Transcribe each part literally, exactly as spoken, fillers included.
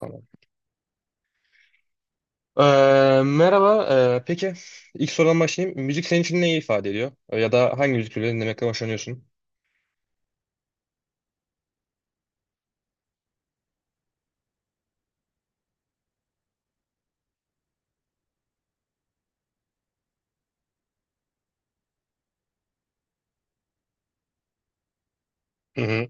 Tamam. Ee, merhaba. ee, peki ilk sorudan başlayayım. Müzik senin için neyi ifade ediyor? Ee, Ya da hangi müzik türleri dinlemekten hoşlanıyorsun? Hı hı.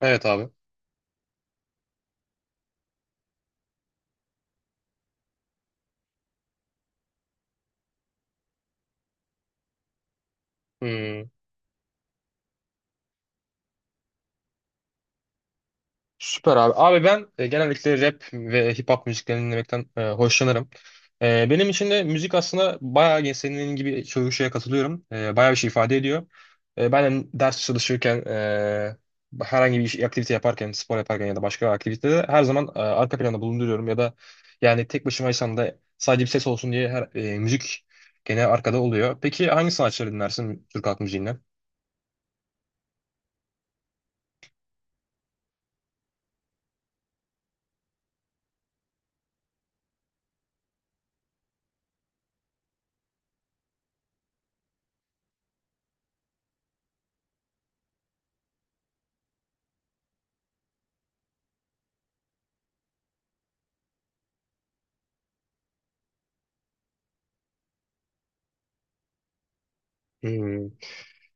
Evet abi. Hmm. Süper abi. Abi ben e, genellikle rap ve hip hop müziklerini dinlemekten e, hoşlanırım. E, benim için de müzik aslında bayağı gen- senin gibi görüşe katılıyorum. E, bayağı bir şey ifade ediyor. E, ben de ders çalışırken, e, herhangi bir iş, aktivite yaparken, spor yaparken ya da başka bir aktivitede her zaman e, arka planda bulunduruyorum. Ya da yani tek başımaysam da sadece bir ses olsun diye her, e, müzik gene arkada oluyor. Peki hangi sanatçıları dinlersin Türk halk müziğinden?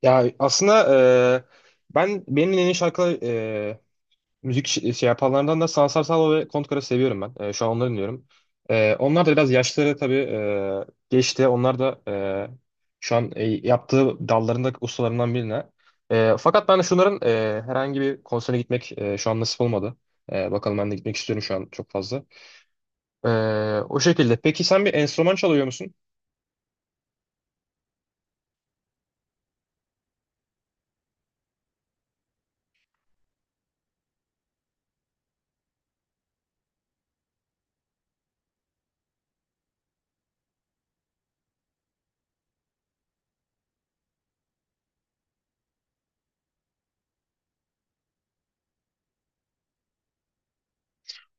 Ya aslında e, ben benim en iyi şarkı e, müzik şi- şey yapanlardan da Sansar Salvo ve Kontkar'ı seviyorum ben. E, şu an onları dinliyorum. E, onlar da biraz yaşları tabii e, geçti. Onlar da e, şu an e, yaptığı dallarında ustalarından birine. E, fakat ben şunların e, herhangi bir konsere gitmek e, şu an nasip olmadı. E, bakalım ben de gitmek istiyorum şu an çok fazla. E, O şekilde. Peki sen bir enstrüman çalıyor musun?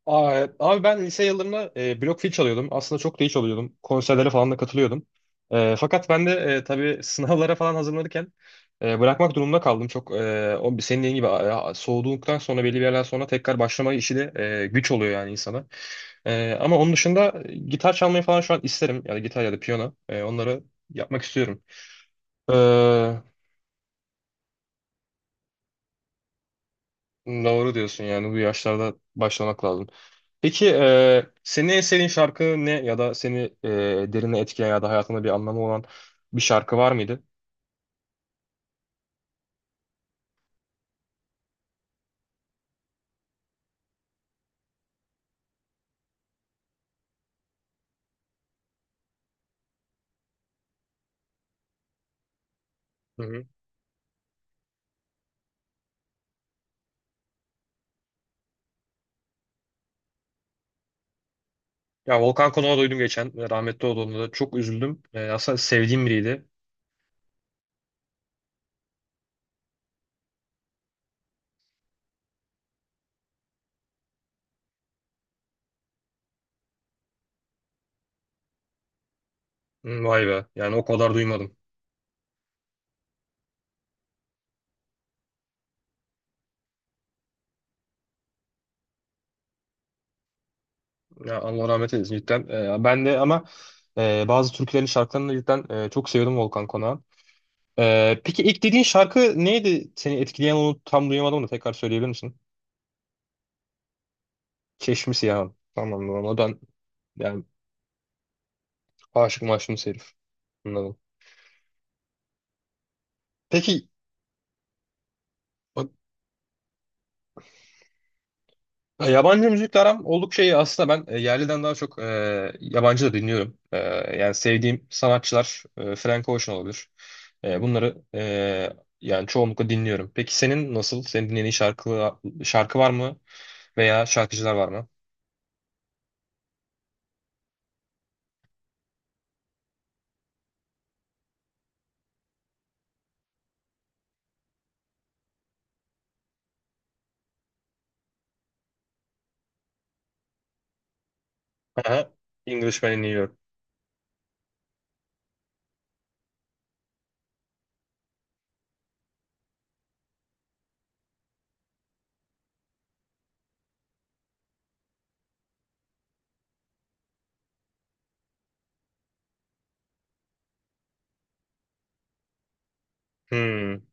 Aa, evet. Abi ben lise yıllarında e, blok fil çalıyordum. Aslında çok da iyi çalıyordum. Konserlere falan da katılıyordum. E, fakat ben de e, tabii sınavlara falan hazırlanırken e, bırakmak durumunda kaldım. Çok e, o senin dediğin gibi a- soğuduktan sonra belli bir yerden sonra tekrar başlama işi de e, güç oluyor yani insana. E, ama onun dışında e, gitar çalmayı falan şu an isterim. Yani gitar ya da piyano. E, onları yapmak istiyorum. E, doğru diyorsun yani bu yaşlarda başlamak lazım. Peki e, senin en sevdiğin şarkı ne ya da seni e, derine etkileyen ya da hayatında bir anlamı olan bir şarkı var mıydı? Hı hı. Ya Volkan Konak'ı duydum geçen. Ve rahmetli olduğunda da çok üzüldüm. E, aslında sevdiğim biriydi. Hı, vay be. Yani o kadar duymadım. Ya Allah rahmet eylesin cidden. E, ben de ama e, bazı türkülerin şarkılarını cidden e, çok seviyordum Volkan Konak'ı. E, peki ilk dediğin şarkı neydi? Seni etkileyen onu tam duyamadım da tekrar söyleyebilir misin? Çeşmisi ya. Tamam tamam. O ben yani aşık maşım herif. Anladım. Peki bak, yabancı müzikle aram oldukça iyi. Aslında ben e, yerliden daha çok e, yabancı da dinliyorum. E, yani sevdiğim sanatçılar e, Frank Ocean olabilir. E, bunları e, yani çoğunlukla dinliyorum. Peki senin nasıl? Senin dinlediğin şarkı, şarkı var mı? Veya şarkıcılar var mı? Aha, Englishman'ı dinliyorum. Hmm.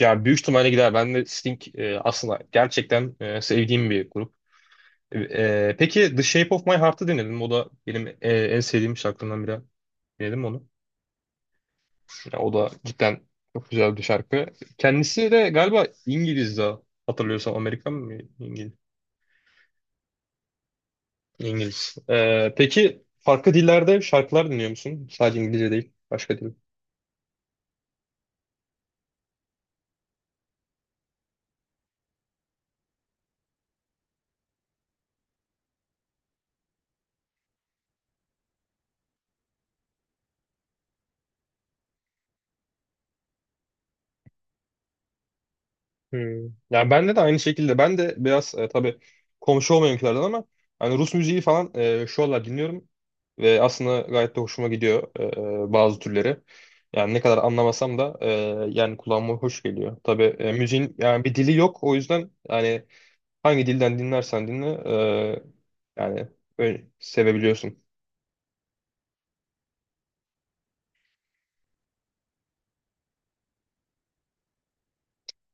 Yani büyük ihtimalle gider. Ben de Sting e, aslında gerçekten e, sevdiğim bir grup. E, e, peki The Shape of My Heart'ı dinledim. O da benim e, en sevdiğim şarkılarımdan biri. Dinledim mi onu? Ya o da cidden çok güzel bir şarkı. Kendisi de galiba İngiliz daha. Hatırlıyorsam Amerikan mı? İngiliz. İngiliz. Ee, peki farklı dillerde şarkılar dinliyor musun? Sadece İngilizce değil. Başka dil. Hmm. Yani bende de aynı şekilde. Ben de biraz e, tabii komşu olmayankilerden ama hani Rus müziği falan e, şu aralar dinliyorum. Ve aslında gayet de hoşuma gidiyor e, e, bazı türleri. Yani ne kadar anlamasam da e, yani kulağıma hoş geliyor. Tabii e, müziğin yani bir dili yok. O yüzden yani hangi dilden dinlersen dinle eee, yani öyle sevebiliyorsun.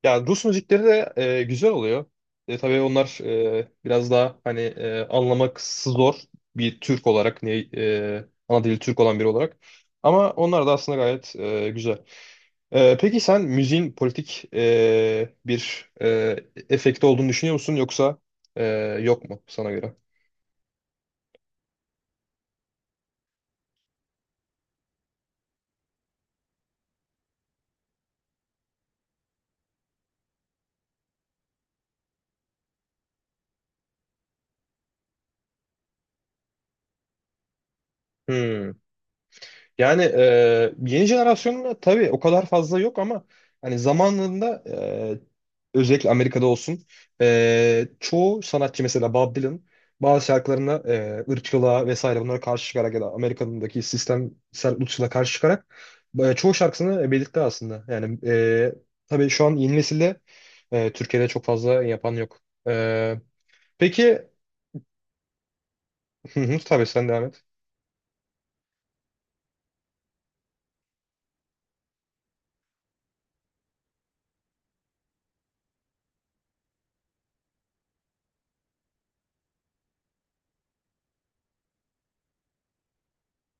Ya Rus müzikleri de eee, güzel oluyor. E, tabii onlar eee, biraz daha hani eee, anlaması zor bir Türk olarak ne eee, ana dili Türk olan biri olarak. Ama onlar da aslında gayet eee, güzel. Eee, peki sen müziğin politik eee, bir eee, efekti olduğunu düşünüyor musun yoksa eee, yok mu sana göre? Hmm. Yani e, yeni jenerasyonla tabii o kadar fazla yok ama hani zamanında e, özellikle Amerika'da olsun e, çoğu sanatçı mesela Bob Dylan bazı şarkılarına e, ırkçılığa vesaire bunlara karşı çıkarak ya da Amerika'daki sistemsel ırkçılığa karşı çıkarak e, çoğu şarkısını belirtti aslında. Yani e, tabii şu an yeni nesilde e, Türkiye'de çok fazla yapan yok. E, peki hı hı, tabii sen devam et.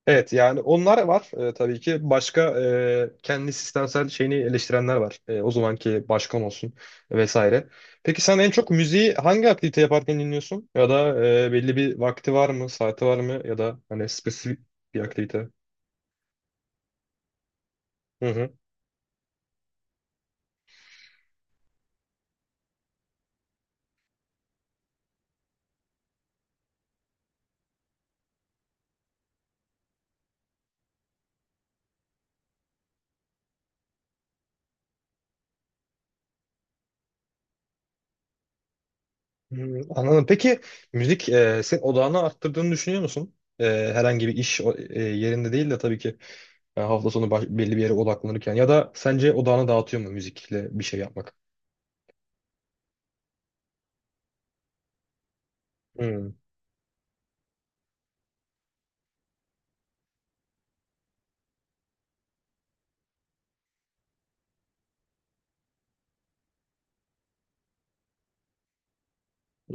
Evet yani onlar var e, tabii ki. Başka e, kendi sistemsel şeyini eleştirenler var. E, o zamanki başkan olsun vesaire. Peki sen en çok müziği hangi aktivite yaparken dinliyorsun? Ya da e, belli bir vakti var mı, saati var mı? Ya da hani spesifik bir aktivite. Hı hı. Hı, anladım. Peki müzik e, senin odağını arttırdığını düşünüyor musun? E, herhangi bir iş o- e, yerinde değil de tabii ki e, hafta sonu baş- belli bir yere odaklanırken. Ya da sence odağını dağıtıyor mu müzikle bir şey yapmak?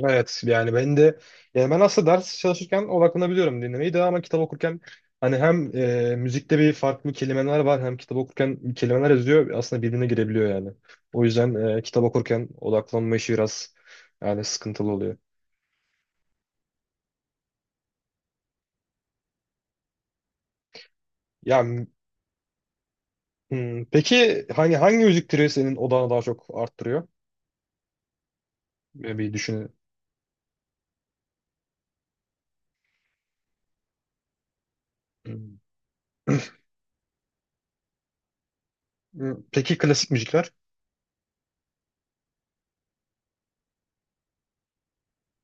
Evet yani ben de yani ben aslında ders çalışırken odaklanabiliyorum dinlemeyi de ama kitap okurken hani hem e, müzikte bir farklı kelimeler var hem kitap okurken kelimeler yazıyor aslında birbirine girebiliyor yani. O yüzden e, kitap okurken odaklanma işi biraz yani sıkıntılı oluyor. Ya m- hmm, peki hani hangi müzik türü senin odağını daha çok arttırıyor? E, Bir düşün. Hmm. Hmm, peki klasik müzikler?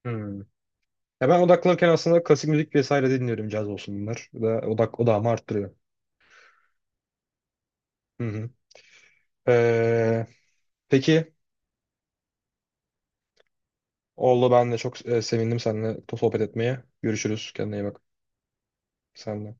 Hmm. Ya ben odaklanırken aslında klasik müzik vesaire de dinliyorum caz olsun bunlar. Da odak odağımı arttırıyor. Hı hı. Peki oldu ben de çok e, sevindim seninle sohbet etmeye. Görüşürüz. Kendine iyi bak. Sen de.